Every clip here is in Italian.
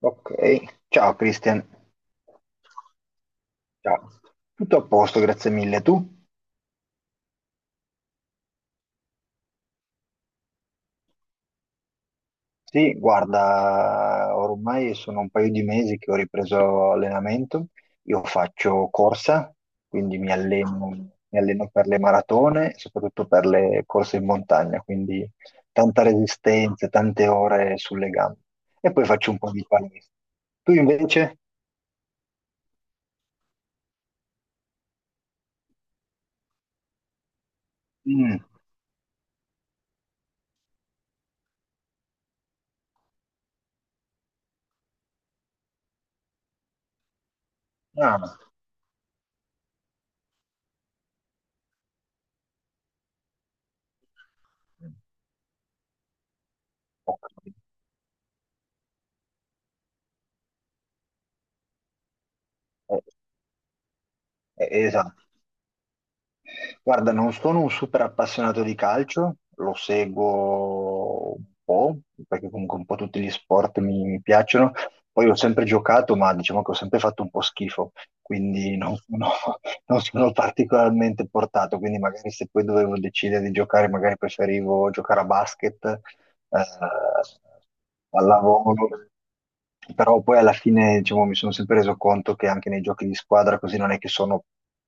Ok, ciao Christian, ciao. Tutto a posto, grazie mille. Tu? Sì, guarda, ormai sono un paio di mesi che ho ripreso allenamento. Io faccio corsa, quindi mi alleno per le maratone, soprattutto per le corse in montagna, quindi tanta resistenza, tante ore sulle gambe. E poi faccio un po' di palestra. Tu invece? Mm. Ah, ok. Eh, esatto. Guarda, non sono un super appassionato di calcio, lo seguo un po', perché comunque un po' tutti gli sport mi piacciono. Poi ho sempre giocato, ma diciamo che ho sempre fatto un po' schifo, quindi non sono, non sono particolarmente portato. Quindi magari se poi dovevo decidere di giocare, magari preferivo giocare a basket, pallavolo. Però poi alla fine, diciamo, mi sono sempre reso conto che anche nei giochi di squadra così non è che sono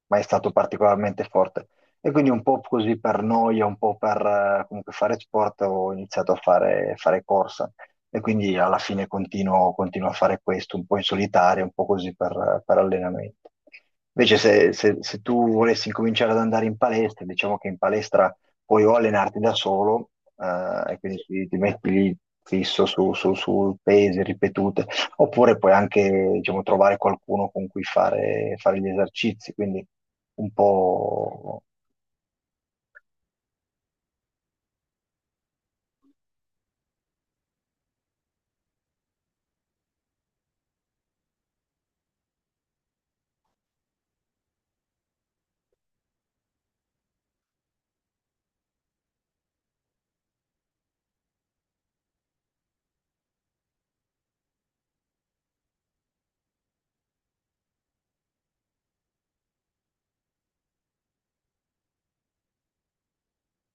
mai stato particolarmente forte. E quindi un po' così per noia, un po' per comunque fare sport, ho iniziato a fare corsa e quindi alla fine continuo a fare questo, un po' in solitaria, un po' così per allenamento. Invece se tu volessi incominciare ad andare in palestra, diciamo che in palestra puoi o allenarti da solo, e quindi ti metti lì fisso su pesi ripetute, oppure puoi anche, diciamo, trovare qualcuno con cui fare gli esercizi, quindi un po'.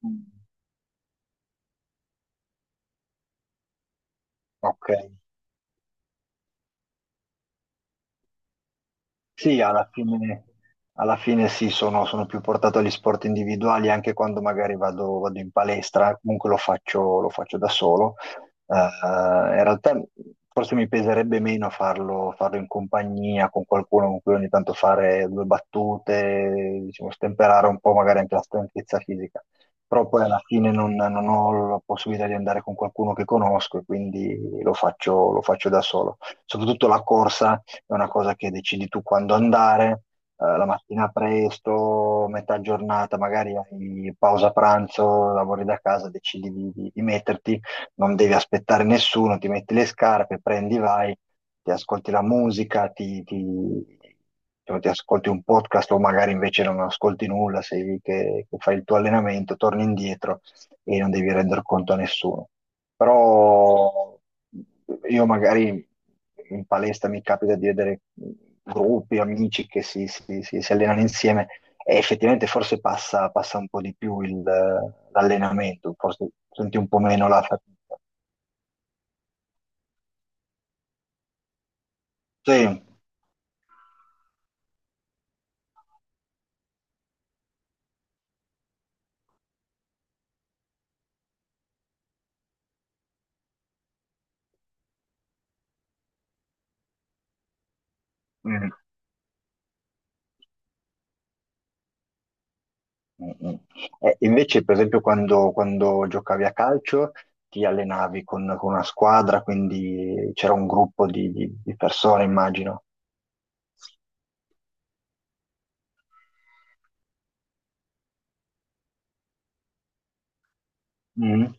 Mm. Ok, sì, alla fine sì, sono più portato agli sport individuali anche quando magari vado in palestra, comunque lo faccio da solo. In realtà forse mi peserebbe meno farlo in compagnia con qualcuno con cui ogni tanto fare due battute, diciamo, stemperare un po' magari anche la stanchezza fisica. Però poi alla fine non ho la possibilità di andare con qualcuno che conosco e quindi lo faccio da solo. Soprattutto la corsa è una cosa che decidi tu quando andare, la mattina presto, metà giornata, magari hai pausa pranzo, lavori da casa, decidi di metterti, non devi aspettare nessuno, ti metti le scarpe, prendi, vai, ti ascolti la musica, diciamo, ti ascolti un podcast o magari invece non ascolti nulla, sei lì che fai il tuo allenamento, torni indietro e non devi render conto a nessuno. Però io magari in palestra mi capita di vedere gruppi, amici che si allenano insieme e effettivamente forse passa un po' di più l'allenamento, forse senti un po' meno la fatica. Sì. Mm, mm, mm. Invece, per esempio, quando, quando giocavi a calcio ti allenavi con una squadra, quindi c'era un gruppo di persone, immagino. Mm,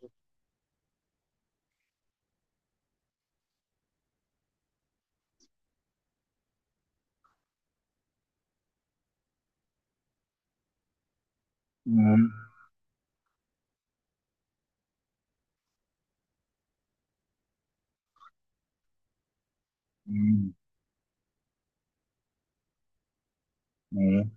mm, mm, mm.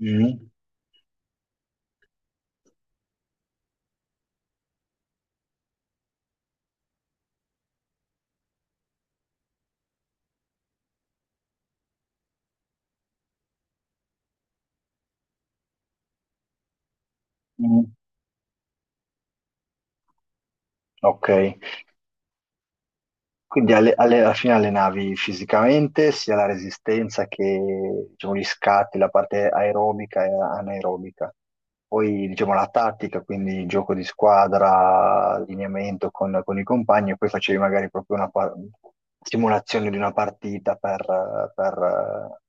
Mm, mm, ok, quindi alla fine allenavi fisicamente sia la resistenza che diciamo, gli scatti, la parte aerobica e anaerobica, poi diciamo la tattica, quindi gioco di squadra, allineamento con i compagni e poi facevi magari proprio una simulazione di una partita per, eh, per,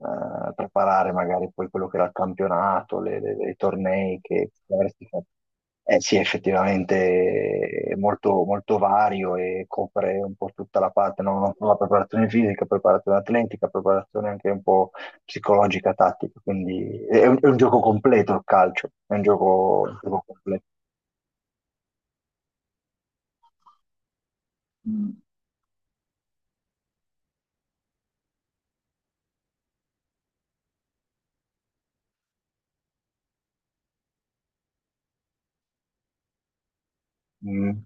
eh, preparare magari poi quello che era il campionato, i tornei che avresti fatto. Eh sì, effettivamente è molto, molto vario e copre un po' tutta la parte, no? La preparazione fisica, preparazione atletica, preparazione anche un po' psicologica, tattica, quindi è un gioco completo il calcio, è un gioco completo. Mm.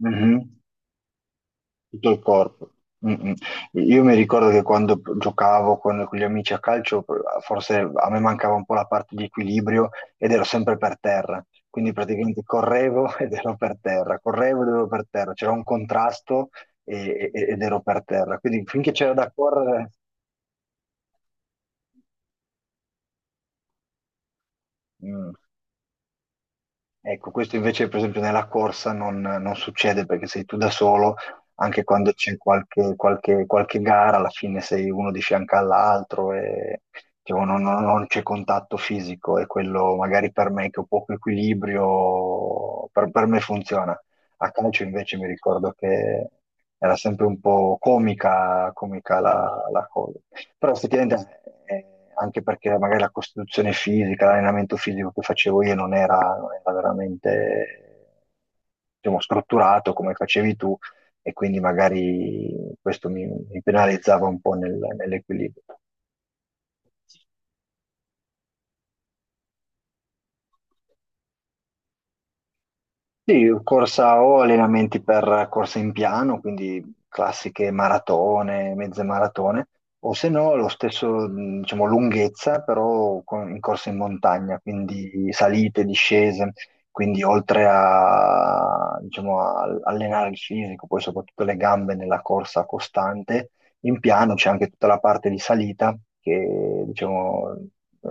Mhm. Tutto il corpo. Mm, mm. Io mi ricordo che quando giocavo con gli amici a calcio, forse a me mancava un po' la parte di equilibrio ed ero sempre per terra. Quindi praticamente correvo ed ero per terra, correvo ed ero per terra, c'era un contrasto ed ero per terra. Quindi finché c'era da correre, mm. Ecco, questo invece, per esempio, nella corsa non succede perché sei tu da solo, anche quando c'è qualche gara, alla fine sei uno di fianco all'altro e diciamo, non c'è contatto fisico e quello magari per me che ho poco equilibrio, per me funziona. A calcio invece mi ricordo che era sempre un po' comica, comica la cosa. Però effettivamente, anche perché magari la costituzione fisica, l'allenamento fisico che facevo io non era veramente, diciamo, strutturato come facevi tu, e quindi magari questo mi penalizzava un po' nell'equilibrio. Sì, corsa o allenamenti per corsa in piano, quindi classiche maratone, mezze maratone, o se no lo stesso, diciamo, lunghezza, però in corsa in montagna, quindi salite, discese, quindi oltre a, diciamo, a allenare il fisico, poi soprattutto le gambe nella corsa costante, in piano c'è anche tutta la parte di salita che, diciamo, è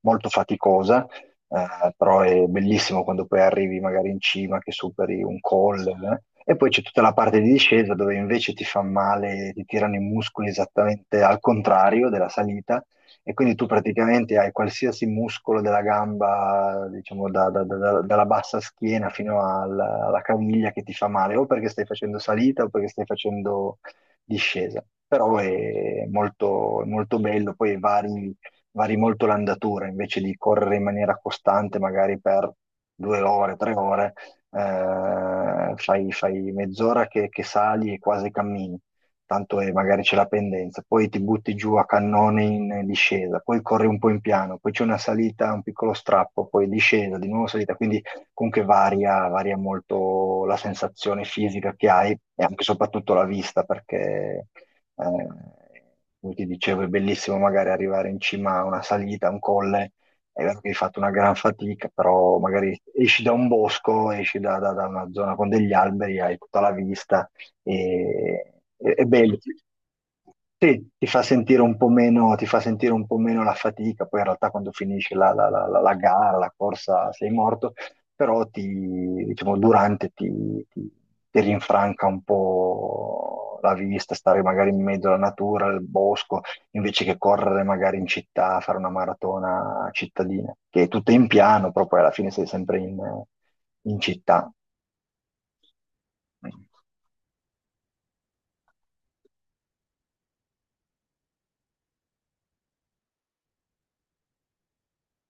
molto faticosa però è bellissimo quando poi arrivi magari in cima che superi un col. E poi c'è tutta la parte di discesa dove invece ti fa male, ti tirano i muscoli esattamente al contrario della salita e quindi tu praticamente hai qualsiasi muscolo della gamba, diciamo dalla bassa schiena fino alla caviglia che ti fa male, o perché stai facendo salita o perché stai facendo discesa. Però è molto, molto bello, poi vari molto l'andatura, invece di correre in maniera costante, magari per 2 ore, 3 ore, fai mezz'ora che sali e quasi cammini, tanto magari c'è la pendenza, poi ti butti giù a cannone in discesa, poi corri un po' in piano, poi c'è una salita, un piccolo strappo, poi discesa, di nuovo salita, quindi comunque varia molto la sensazione fisica che hai e anche e soprattutto la vista, perché eh, come ti dicevo, è bellissimo magari arrivare in cima a una salita, a un colle, è vero che hai fatto una gran fatica, però magari esci da un bosco, esci da una zona con degli alberi, hai tutta la vista, è bello. Sì, ti fa sentire un po' meno, ti fa sentire un po' meno la fatica, poi in realtà quando finisce la, la gara, la corsa, sei morto, però diciamo, durante ti rinfranca un po' la vista, stare magari in mezzo alla natura, al bosco, invece che correre magari in città, fare una maratona cittadina, che è tutta in piano, però poi alla fine sei sempre in città.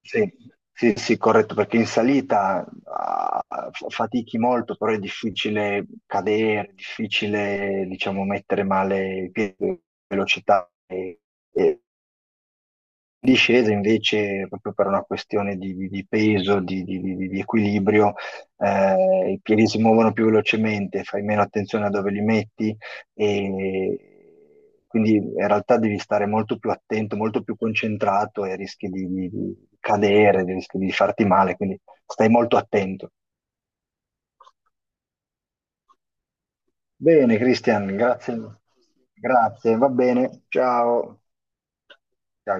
Sì, sì, sì, corretto, perché in salita fatichi molto, però è difficile cadere, è difficile, diciamo, mettere male il piede, velocità e- discesa invece proprio per una questione di peso, di equilibrio, i piedi si muovono più velocemente, fai meno attenzione a dove li metti e quindi in realtà devi stare molto più attento, molto più concentrato e rischi di cadere, rischi di farti male, quindi stai molto attento. Bene, Cristian, grazie. Grazie, va bene. Ciao. Ciao.